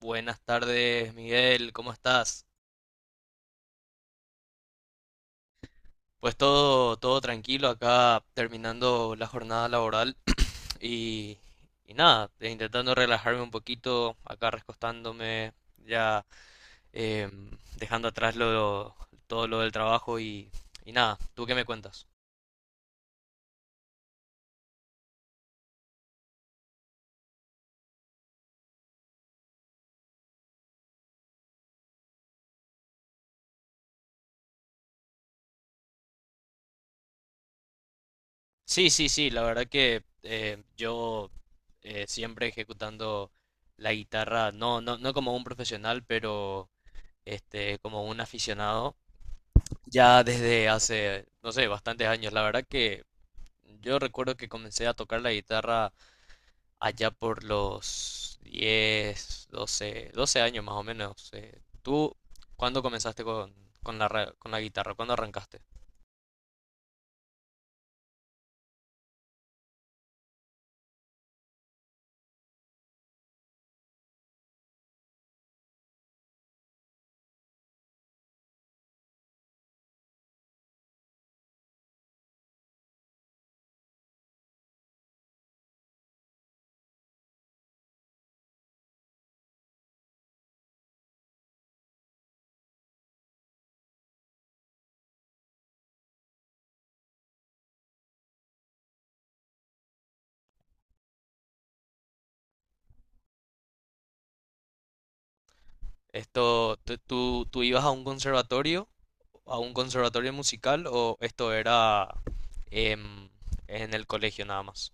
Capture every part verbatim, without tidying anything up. Buenas tardes, Miguel, ¿cómo estás? Pues todo, todo tranquilo acá terminando la jornada laboral y, y nada, eh, intentando relajarme un poquito, acá recostándome, ya, em, dejando atrás lo, todo lo del trabajo y, y nada. ¿Tú qué me cuentas? Sí, sí, sí, la verdad que, eh, yo, eh, siempre ejecutando la guitarra, no, no, no como un profesional, pero este, como un aficionado. Ya desde hace, no sé, bastantes años. La verdad que yo recuerdo que comencé a tocar la guitarra allá por los diez doce doce años más o menos. Eh, ¿tú cuándo comenzaste con, con la, ra- con la guitarra? ¿Cuándo arrancaste? ¿Esto, tú, tú- tú ibas a un conservatorio, a un conservatorio musical, o esto era, em, en el colegio nada más?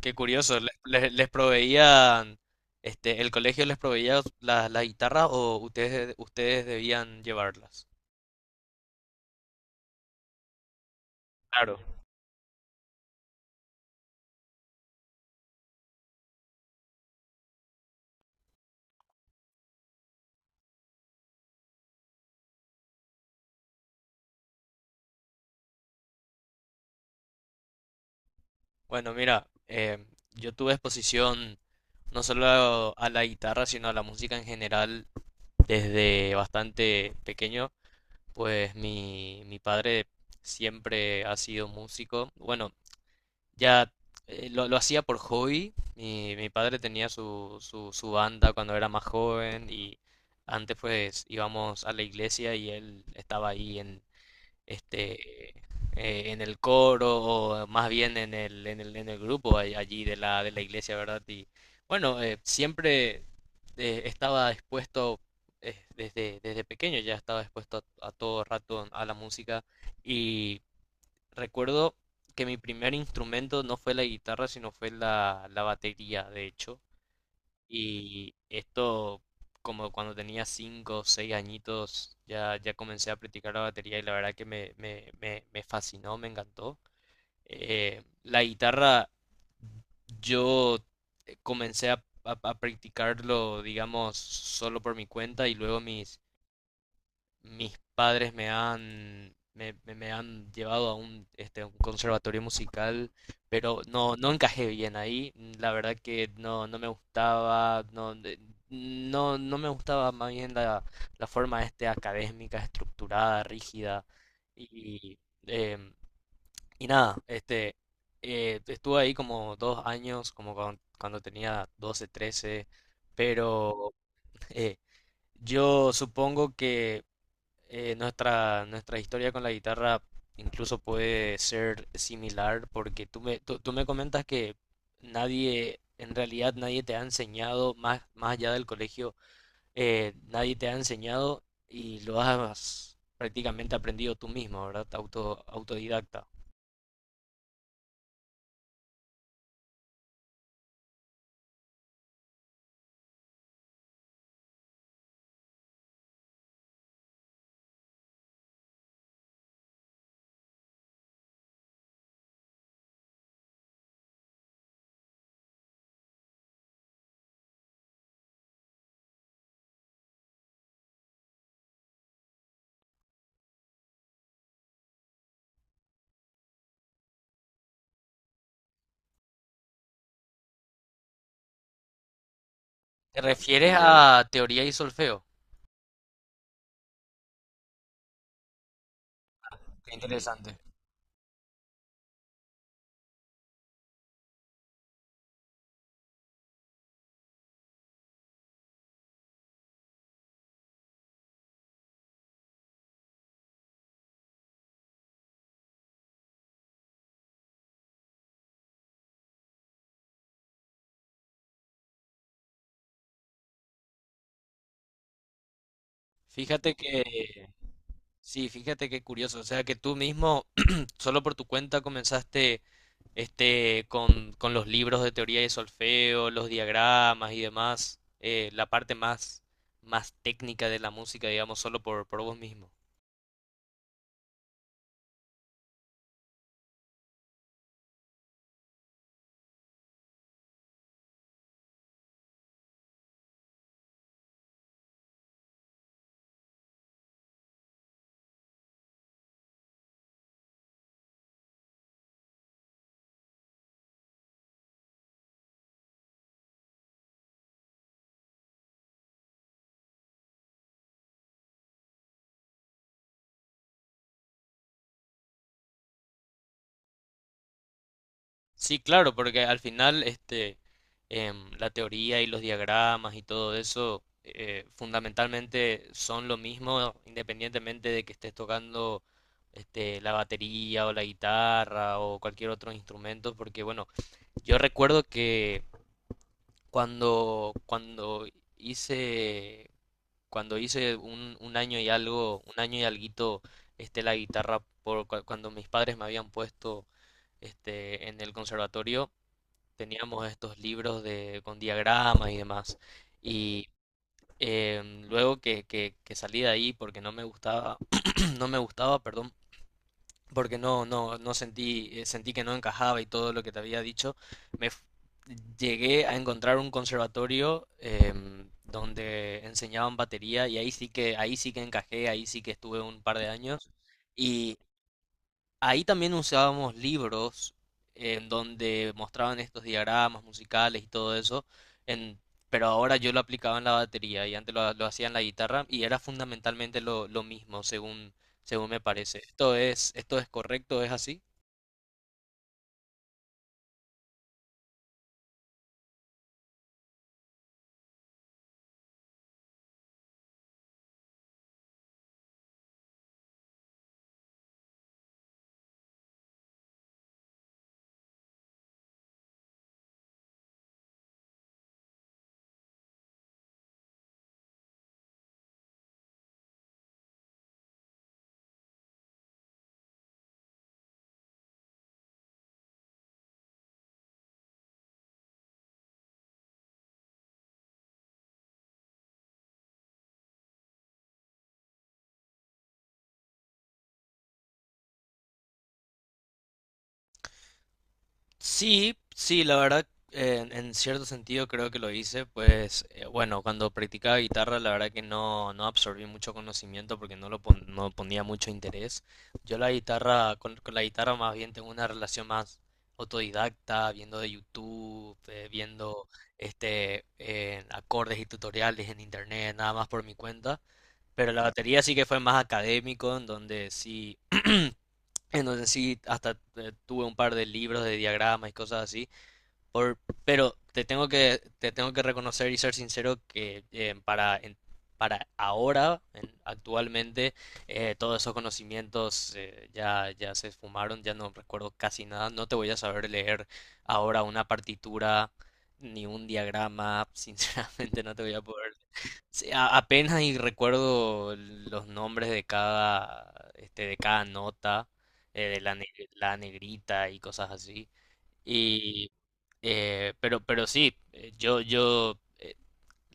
Qué curioso, le- le- les, proveían, este, el colegio les proveía la, la guitarra, o ustedes, ustedes debían llevarlas. Claro. Bueno, mira, eh, yo tuve exposición no solo a la guitarra, sino a la música en general desde bastante pequeño, pues mi, mi padre siempre ha sido músico. Bueno, ya, eh, lo, lo hacía por hobby. Mi, mi padre tenía su, su, su banda cuando era más joven, y antes pues íbamos a la iglesia y él estaba ahí en este eh, en el coro, o más bien en el, en el, en el grupo ahí- allí de la, de la iglesia, ¿verdad? Y bueno, eh, siempre, eh, estaba expuesto, eh, desde, desde pequeño, ya estaba expuesto a, a todo rato a la música. Recuerdo que mi primer instrumento no fue la guitarra, sino fue la, la batería, de hecho. Y, esto, como cuando tenía cinco o seis añitos, ya, ya comencé a practicar la batería, y la verdad que me, me, me, me fascinó, me encantó. Eh, la guitarra, yo comencé a, a- a practicarlo, digamos, solo por mi cuenta, y luego mis, mis padres me han, me, me- me han llevado a un, este, un conservatorio musical, pero no, no encajé bien ahí. La verdad que no, no me gustaba. No, de- no, no me gustaba más bien la, la forma este académica, estructurada, rígida. Y, em, y nada, este, eh, estuve ahí como dos años, como cuan- cuando tenía doce, trece, pero, eh, yo supongo que, eh, nuestra, nuestra historia con la guitarra incluso puede ser similar, porque tú me, tú, tú me comentas que nadie, en realidad nadie te ha enseñado más, más allá del colegio, eh, nadie te ha enseñado, y lo has prácticamente aprendido tú mismo, ¿verdad? Auto, autodidacta. ¿Te refieres a teoría y solfeo? Qué interesante. Fíjate que, sí, fíjate qué curioso, o sea que tú mismo, solo por tu cuenta, comenzaste este, con, con los libros de teoría de solfeo, los diagramas y demás, eh, la parte más, más técnica de la música, digamos, solo por, por vos mismo. Sí, claro, porque al final, este, em, la teoría y los diagramas y todo eso, eh, fundamentalmente son lo mismo independientemente de que estés tocando, este, la batería o la guitarra o cualquier otro instrumento, porque bueno, yo recuerdo que Cuando, cuando hice, cuando hice un, un año y algo, un año y alguito, este, la guitarra, por, cua- cuando mis padres me habían puesto, este, en el conservatorio, teníamos estos libros, de, con diagramas y demás. Y, em, luego que, que, que salí de ahí porque no me gustaba, no me gustaba, perdón, porque no, no, no sentí, eh, sentí que no encajaba, y todo lo que te había dicho, me f- llegué a encontrar un conservatorio, em, donde enseñaban batería, y ahí sí que, ahí sí que encajé, ahí sí que estuve un par de años. Ahí también usábamos libros en donde mostraban estos diagramas musicales y todo eso, en- pero ahora yo lo aplicaba en la batería, y antes lo, lo hacía en la guitarra, y era fundamentalmente lo, lo mismo, según, según me parece. ¿Esto es, esto es correcto? ¿Es así? Sí, sí, la verdad, eh, en cierto sentido creo que lo hice, pues, eh, bueno, cuando practicaba guitarra la verdad que no, no absorbí mucho conocimiento porque no lo pon- no ponía mucho interés. Yo la guitarra, con, con la guitarra, más bien tengo una relación más autodidacta, viendo de YouTube, eh, viendo, este eh, acordes y tutoriales en internet, nada más por mi cuenta. Pero la batería sí que fue más académico, en donde sí, en donde sí hasta, eh, tuve un par de libros de diagramas y cosas así por, pero te tengo que, te tengo que reconocer y ser sincero que, eh, para, en- para ahora, en- actualmente, eh, todos esos conocimientos, eh, ya, ya se esfumaron, ya no recuerdo casi nada. No te voy a saber leer ahora una partitura ni un diagrama, sinceramente no te voy a poder. Sí, a- apenas y recuerdo los nombres de cada, este, de cada nota, eh, de la, ne- la negrita y cosas así. Y, eh, pero, pero sí, eh, yo, yo, eh,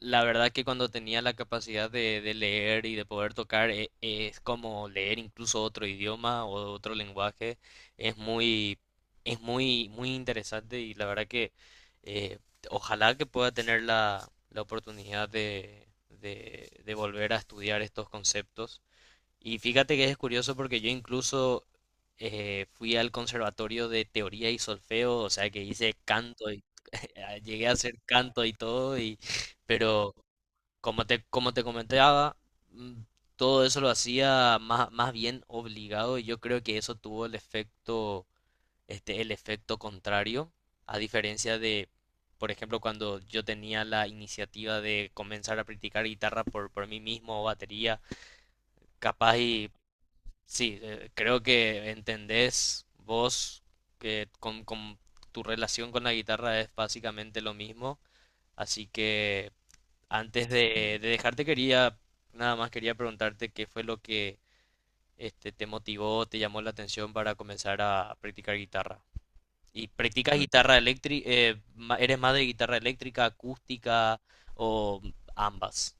la verdad que cuando tenía la capacidad de, de leer y de poder tocar, eh, es como leer incluso otro idioma o otro lenguaje, es muy, es muy, muy interesante, y la verdad que, eh, ojalá que pueda tener la, la oportunidad de, de, de volver a estudiar estos conceptos. Y fíjate que es curioso, porque yo incluso, eh, fui al conservatorio de teoría y solfeo, o sea que hice canto y llegué a hacer canto y todo, y, pero como te, como te comentaba, mm, todo eso lo hacía más, más bien obligado, y yo creo que eso tuvo el efecto, este, el efecto contrario, a diferencia de, por ejemplo, cuando yo tenía la iniciativa de comenzar a practicar guitarra por, por mí mismo o batería, capaz. Y sí, eh, creo que entendés vos que con, con tu relación con la guitarra es básicamente lo mismo, así que antes de, de dejarte quería, nada más quería preguntarte qué fue lo que, este, te motivó, te llamó la atención para comenzar a practicar guitarra. ¿Y practicas guitarra eléctrica? ¿Eres más de guitarra eléctrica, acústica o ambas?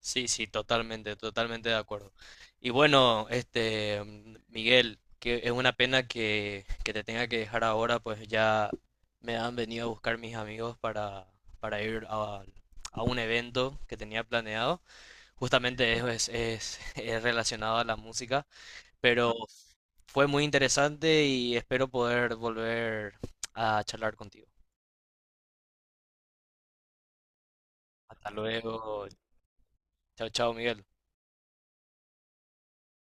Sí, sí, totalmente, totalmente de acuerdo. Y bueno, este, mm, Miguel, que es una pena que, que te tenga que dejar ahora, pues ya me han venido a buscar mis amigos para, para ir a, a un evento que tenía planeado. Justamente es, es, es relacionado a la música, pero fue muy interesante y espero poder volver a charlar contigo. Hasta luego. Chao, chao, Miguel.